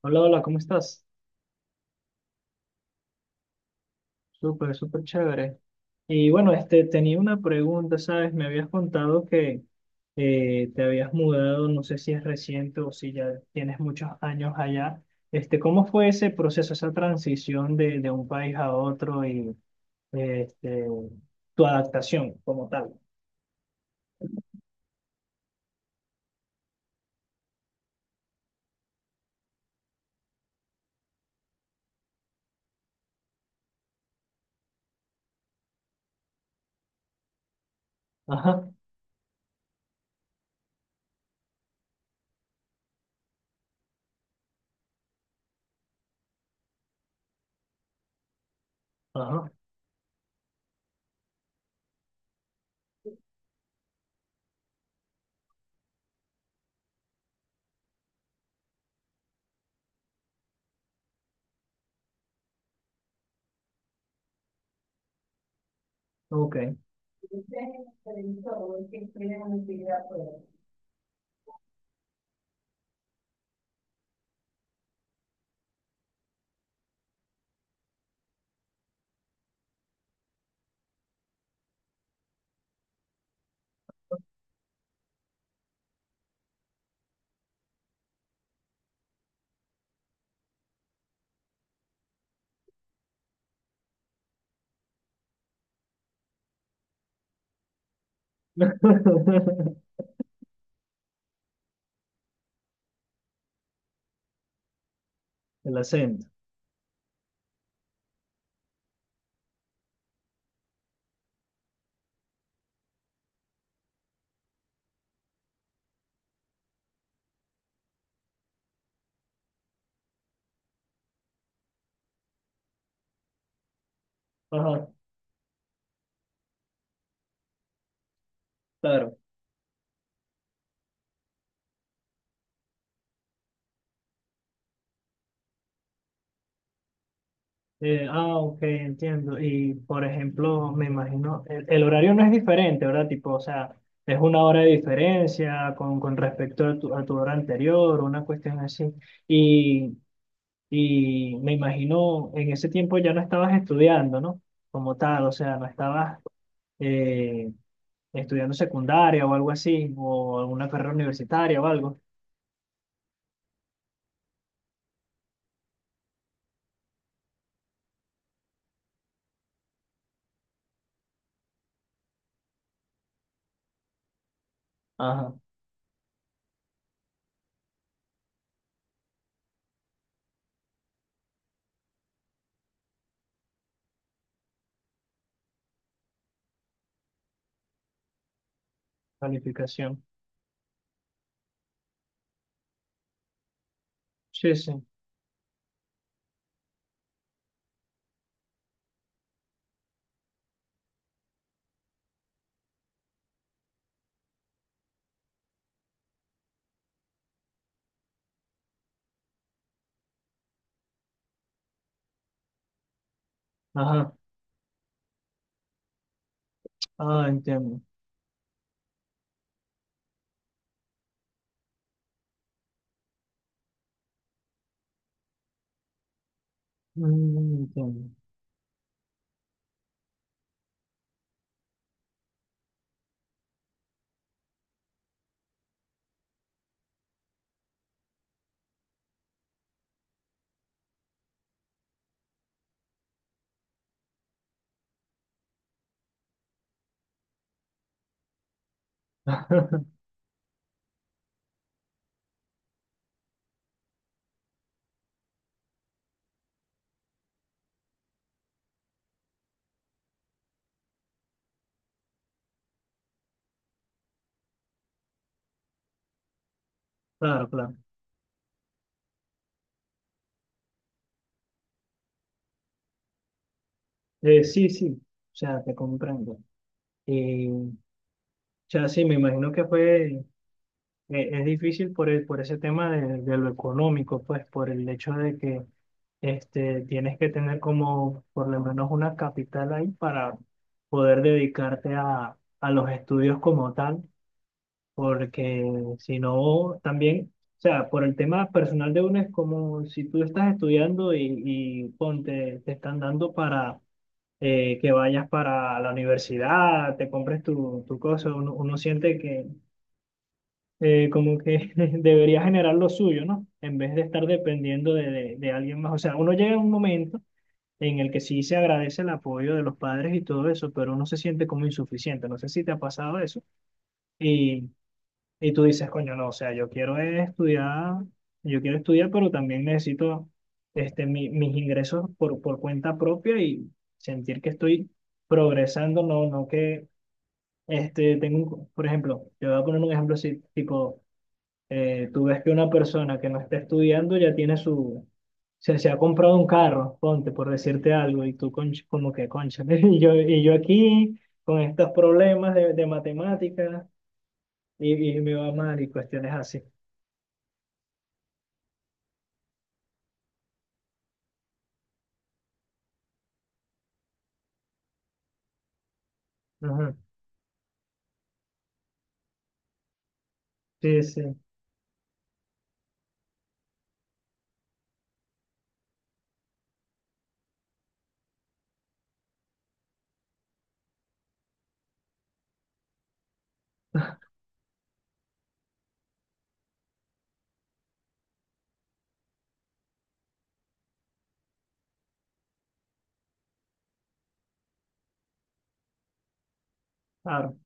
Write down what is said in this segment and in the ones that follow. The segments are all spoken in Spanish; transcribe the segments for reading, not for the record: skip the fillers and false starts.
Hola, hola, ¿cómo estás? Súper, súper chévere. Y bueno, este, tenía una pregunta, ¿sabes? Me habías contado que te habías mudado, no sé si es reciente o si ya tienes muchos años allá. Este, ¿cómo fue ese proceso, esa transición de un país a otro y este, tu adaptación como tal? Ajá, ajá, ok. El acento. Ajá, claro. Ah, ok, entiendo. Y por ejemplo, me imagino, el horario no es diferente, ¿verdad? Tipo, o sea, es una hora de diferencia con respecto a tu hora anterior, una cuestión así. Y, y me imagino, en ese tiempo ya no estabas estudiando, ¿no? Como tal, o sea, no estabas eh, estudiando secundaria o algo así, o alguna carrera universitaria o algo. Ajá, calificación. Sí, sí. Ajá. Ah, entiendo. Mm, entiendo. Claro, claro. Sí, sí, o sea, te comprendo. Y, o sea, sí, me imagino que fue, es difícil por el, por ese tema de lo económico, pues, por el hecho de que este, tienes que tener como por lo menos una capital ahí para poder dedicarte a los estudios como tal, porque si no, también, o sea, por el tema personal de uno es como si tú estás estudiando y ponte, te están dando para que vayas para la universidad, te compres tu, tu cosa, uno, uno siente que como que debería generar lo suyo, ¿no? En vez de estar dependiendo de alguien más. O sea, uno llega a un momento en el que sí se agradece el apoyo de los padres y todo eso, pero uno se siente como insuficiente. No sé si te ha pasado eso. Y y tú dices, coño, no, o sea, yo quiero es estudiar, yo quiero estudiar, pero también necesito este, mis ingresos por cuenta propia y sentir que estoy progresando, no, no que este, tengo, por ejemplo, yo voy a poner un ejemplo así, tipo, tú ves que una persona que no está estudiando ya tiene su, se ha comprado un carro, ponte, por decirte algo, y tú como que, concha, y yo aquí con estos problemas de matemáticas y, y me va mal y cuestiones así. Ujú, sí, sí, claro.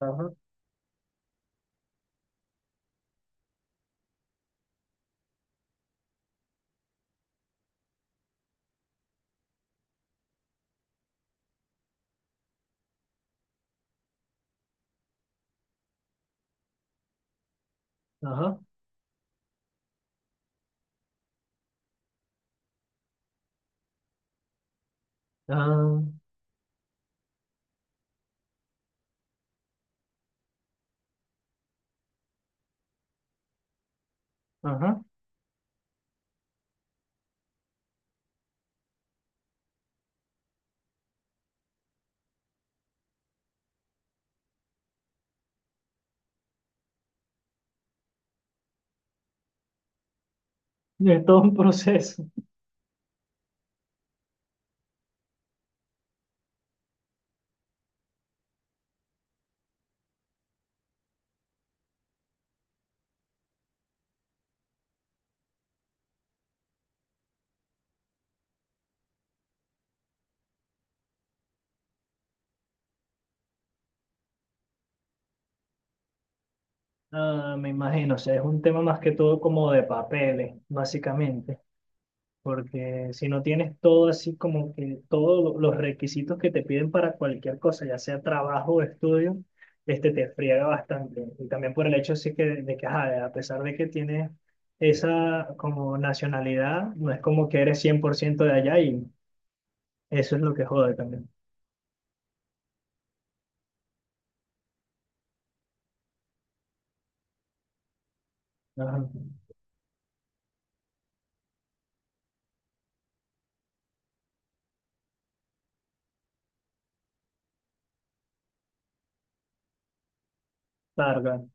Ajá, ajá, ah, ajá. Es todo un proceso. Ah, me imagino, o sea, es un tema más que todo como de papeles, básicamente, porque si no tienes todo así como que todos los requisitos que te piden para cualquier cosa, ya sea trabajo o estudio, este te friega bastante. Y también por el hecho sí que de que, ajá, a pesar de que tienes esa como nacionalidad, no es como que eres 100% de allá y eso es lo que jode también. Ajá. Carga,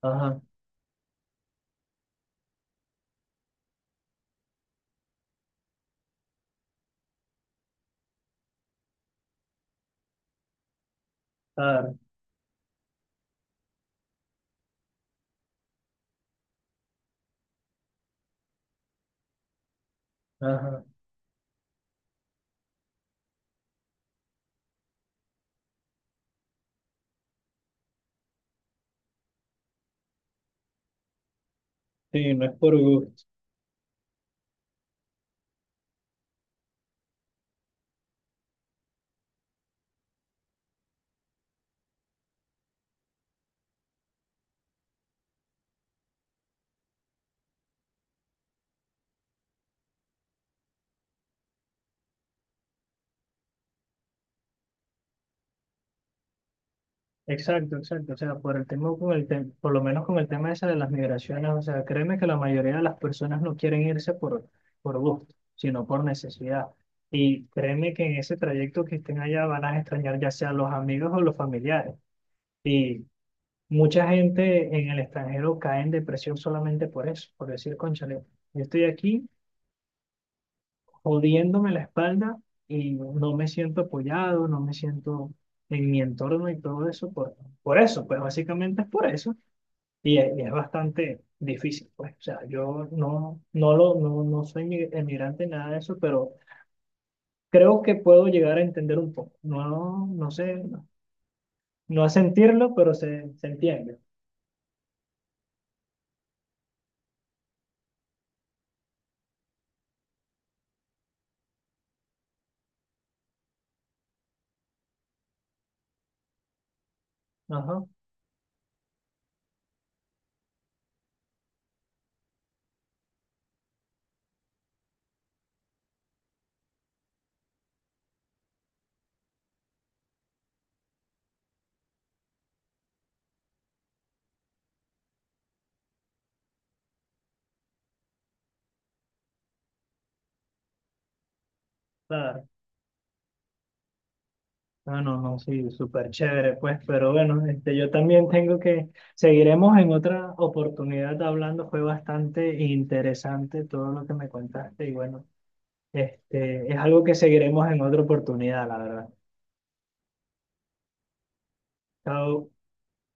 ajá, claro, ajá. Sí, no es por gusto. Exacto, exacto. O sea, por el tema con el por lo menos con el tema ese de las migraciones, o sea, créeme que la mayoría de las personas no quieren irse por gusto, sino por necesidad. Y créeme que en ese trayecto que estén allá van a extrañar ya sea los amigos o los familiares. Y mucha gente en el extranjero cae en depresión solamente por eso, por decir, cónchale, yo estoy aquí jodiéndome la espalda y no me siento apoyado, no me siento en mi entorno y todo eso por eso, pues básicamente es por eso y es bastante difícil, pues, o sea, yo no, no, lo, no, no soy emigrante, nada de eso, pero creo que puedo llegar a entender un poco, no, no sé, no, no a sentirlo, pero se entiende, ajá, claro. No, no, no, sí, súper chévere, pues, pero bueno, este, yo también tengo que, seguiremos en otra oportunidad hablando, fue bastante interesante todo lo que me contaste y bueno, este, es algo que seguiremos en otra oportunidad, la verdad. Chao.